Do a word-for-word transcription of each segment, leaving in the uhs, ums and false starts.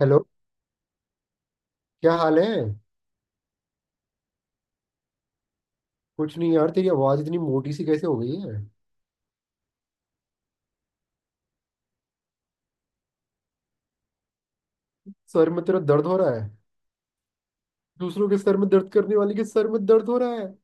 Hello. क्या हाल है? कुछ नहीं यार, तेरी आवाज इतनी मोटी सी कैसे हो गई है? सर में तेरा दर्द हो रहा है? दूसरों के सर में दर्द करने वाले के सर में दर्द हो रहा है।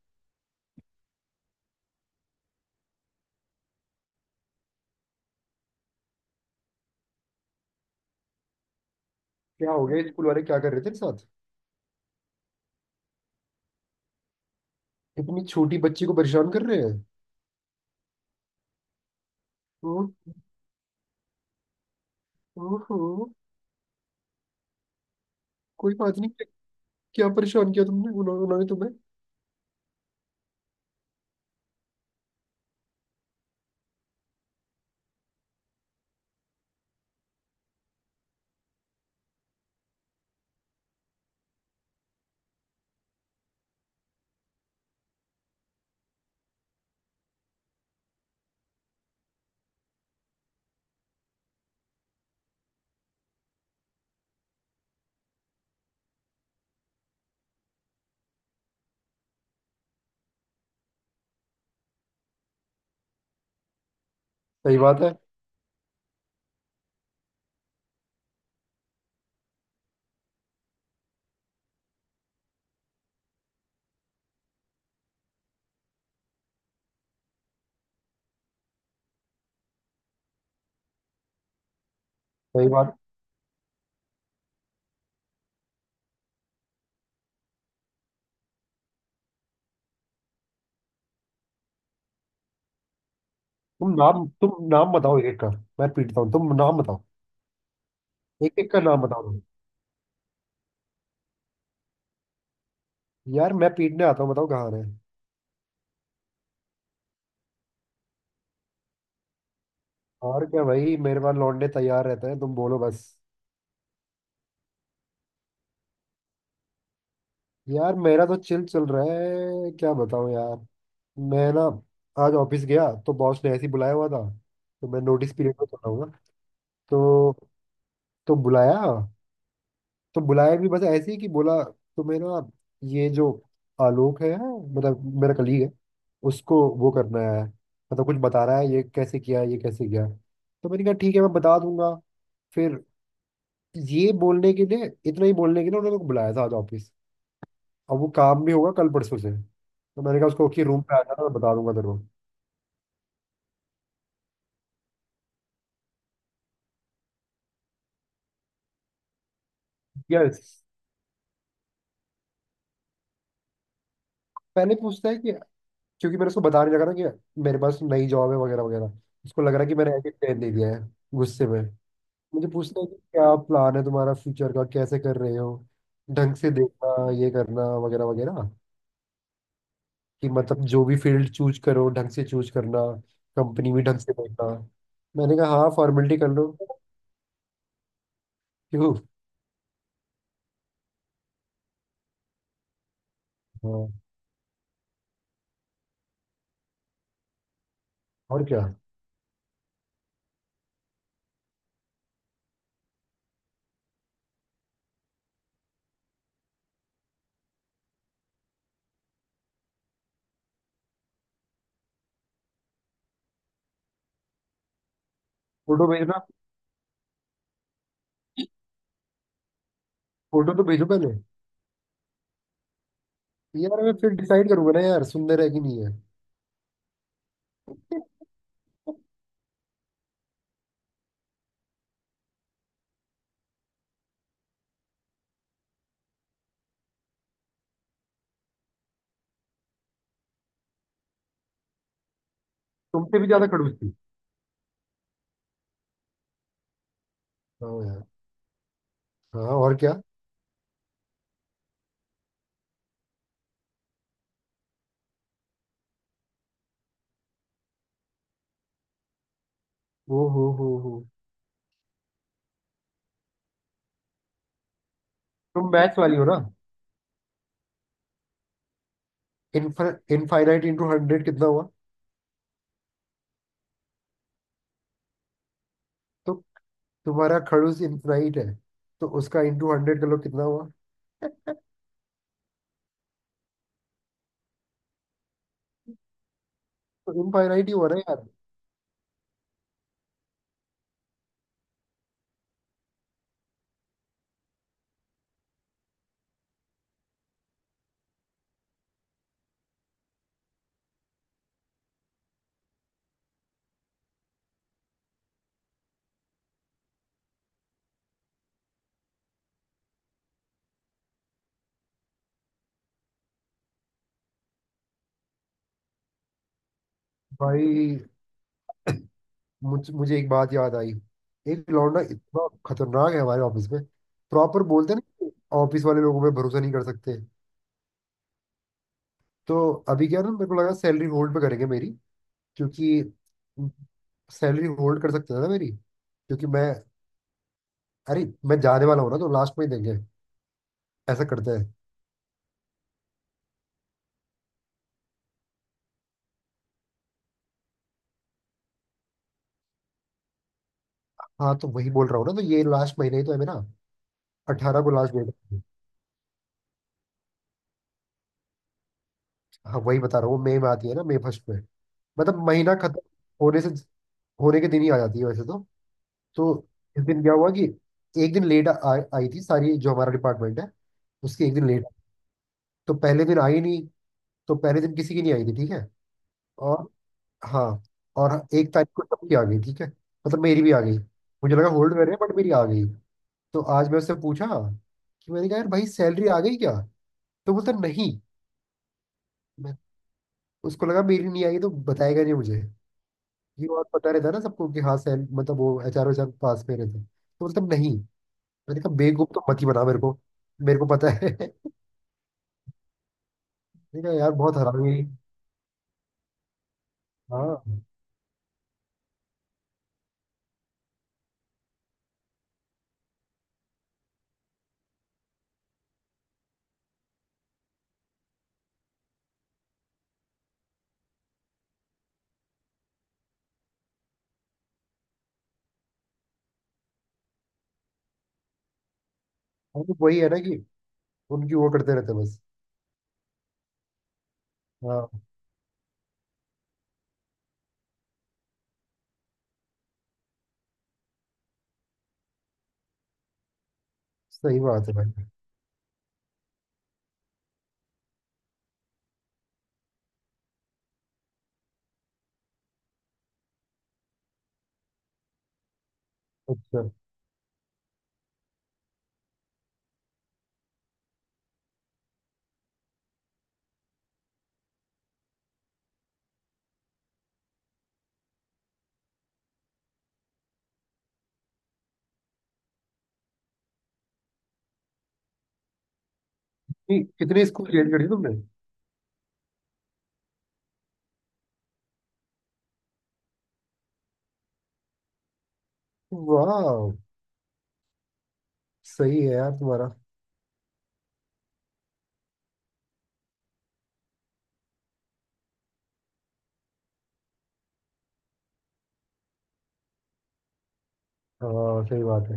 क्या हो गया? स्कूल वाले क्या कर रहे थे तेरे साथ? इतनी छोटी बच्ची को परेशान कर रहे हैं। ओ, ओहो। कोई बात नहीं। क्या क्या परेशान किया तुमने? उन्हों- उन्होंने तुम्हें? सही बात है। सही बात। तुम नाम, तुम नाम बताओ एक एक का। मैं पीटता हूँ, तुम नाम बताओ। एक एक का नाम बताओ तुम। यार मैं पीटने आता हूँ, बताओ कहाँ है। और क्या भाई, मेरे पास लौटने तैयार रहते हैं, तुम बोलो बस। यार मेरा तो चिल चल रहा है, क्या बताऊं यार। मैं ना, आज ऑफिस गया तो बॉस ने ऐसे ही बुलाया हुआ था। तो मैं नोटिस पीरियड में चला हूँ ना, तो तो बुलाया। तो बुलाया भी बस ऐसे ही कि बोला तुम्हें ना ये जो आलोक है, मतलब मेरा कलीग है, उसको वो करना है। मतलब कुछ बता रहा है ये कैसे किया, ये कैसे किया। तो मैंने कहा ठीक है, मैं बता दूंगा। फिर ये बोलने के लिए, इतना ही बोलने के लिए उन्होंने मेरे को बुलाया था आज ऑफिस। अब वो काम भी होगा कल परसों से, तो मैंने कहा उसको कि रूम पे आ जाना, मैं बता दूंगा तेरे को। यस। पहले पूछता है कि क्योंकि मैंने उसको बता नहीं, लगा ना कि मेरे पास नई जॉब है वगैरह वगैरह। उसको लग रहा है कि मैंने एडिट कर दे दिया है गुस्से में। मुझे पूछता है कि क्या प्लान है तुम्हारा फ्यूचर का, कैसे कर रहे हो, ढंग से देखना, ये करना वगैरह वगैरह। कि मतलब जो भी फील्ड चूज करो, ढंग से चूज करना। कंपनी भी ढंग से देखना। मैंने कहा हाँ, फॉर्मेलिटी कर लो। क्यों? हाँ। और क्या। फोटो भेजना। फोटो तो भेजो पहले। यार मैं फिर डिसाइड करूंगा ना यार, सुंदर है कि नहीं है। तुमसे भी ज्यादा खड़ूस थी। हाँ यार। हाँ और क्या। ओ हो हो हो। तुम मैथ्स वाली हो ना। इनफाइनाइट इंटू हंड्रेड कितना हुआ? तो तुम्हारा खड़ूस इनफाइनाइट है, तो उसका इंटू हंड्रेड कर लो कितना हुआ। तो इनफाइनाइट ही हुआ ना यार। भाई मुझ, मुझे एक बात याद आई। एक लौंडा इतना खतरनाक है हमारे ऑफिस में। प्रॉपर बोलते हैं ना, ऑफिस वाले लोगों पे भरोसा नहीं कर सकते। तो अभी क्या ना, मेरे को लगा सैलरी होल्ड पे करेंगे मेरी, क्योंकि सैलरी होल्ड कर सकते थे ना मेरी, क्योंकि मैं, अरे मैं जाने वाला हूँ ना, तो लास्ट में ही देंगे। ऐसा करते हैं। हाँ तो वही बोल रहा हूँ ना, तो ये लास्ट महीने ही तो है मेरा। अठारह को लास्ट डेट है। हाँ वही बता रहा हूँ, वो मई में आती है ना, मई फर्स्ट में। मतलब महीना खत्म होने से, होने के दिन ही आ जाती है वैसे तो। तो इस दिन क्या हुआ कि एक दिन लेट आ, आई थी सारी, जो हमारा डिपार्टमेंट है उसकी, एक दिन लेट। तो पहले दिन आई नहीं, तो पहले दिन किसी की नहीं आई थी ठीक है। और हाँ, और एक तारीख को सबकी आ गई ठीक है, मतलब मेरी भी आ गई। मुझे लगा होल्ड कर रहे हैं, बट मेरी आ गई। तो आज मैं उससे पूछा कि, मैंने कहा यार भाई सैलरी आ गई क्या? तो बोलता नहीं। मैं, उसको लगा मेरी नहीं आई तो बताएगा नहीं मुझे। ये और पता रहता है ना सबको कि हाँ सैल, मतलब वो एच आर वेचआर पास में रहते हैं। तो बोलता नहीं। मैंने कहा बेवकूफ तो मत ही बना मेरे को, मेरे को पता है। मैंने कहा यार बहुत हरामी हुई। हाँ। हाँ, तो वही है ना कि उनकी वो करते रहते हैं बस। हाँ सही बात है भाई। अच्छा कि- कितने स्कूल चेंज करी तुमने? वाह। सही है यार तुम्हारा। हाँ सही बात है।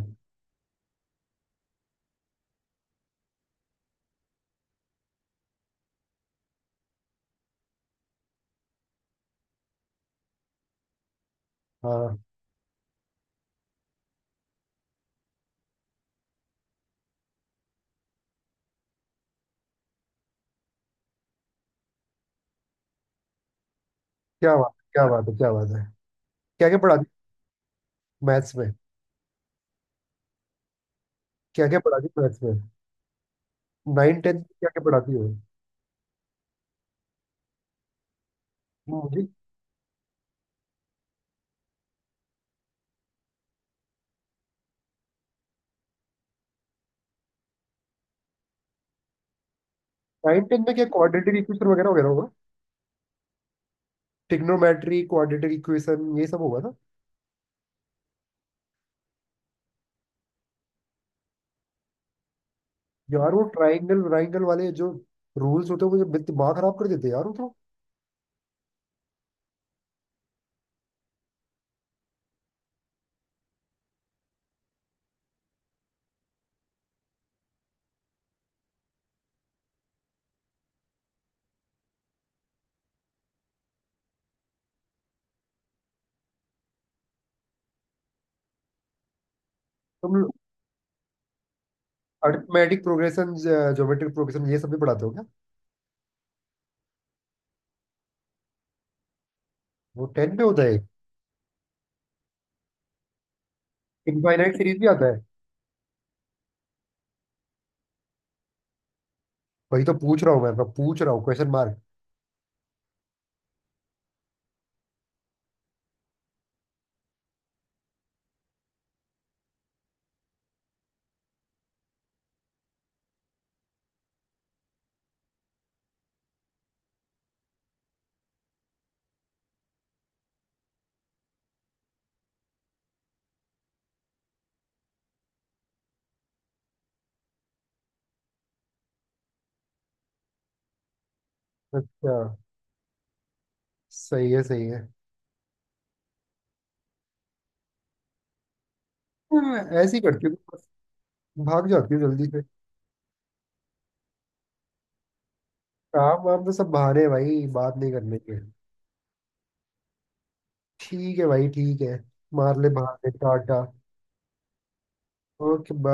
हाँ। क्या बात, क्या बात है, क्या बात है। क्या क्या पढ़ाती? मैथ्स में? क्या क्या पढ़ाती मैथ्स में? नाइन टेंथ में क्या क्या पढ़ाती हो? मुझे नाइन टेंथ में क्या, क्वाड्रेटिक इक्वेशन वगैरह वगैरह होगा, ट्रिग्नोमेट्री, क्वाड्रेटिक इक्वेशन ये सब होगा ना? यार वो ट्राइंगल व्राइंगल वाले जो रूल्स होते हैं वो मुझे बित- दिमाग खराब कर देते हैं यार वो तो। तुम अर्थमेटिक प्रोग्रेशन, ज्योमेट्रिक प्रोग्रेशन ये सब भी पढ़ाते हो क्या? वो टेंथ में होता है? इनफाइनाइट सीरीज भी आता है? वही तो पूछ रहा हूँ मैं मैं पूछ रहा हूँ क्वेश्चन मार्क। अच्छा। सही है, सही है। हाँ, ऐसे ही करती हूँ बस, भाग जाती हूँ जल्दी से। काम वाम तो सब बहाने हैं भाई बात नहीं करने के। ठीक है भाई, ठीक है। मार ले बहाने, टाटा। ओके।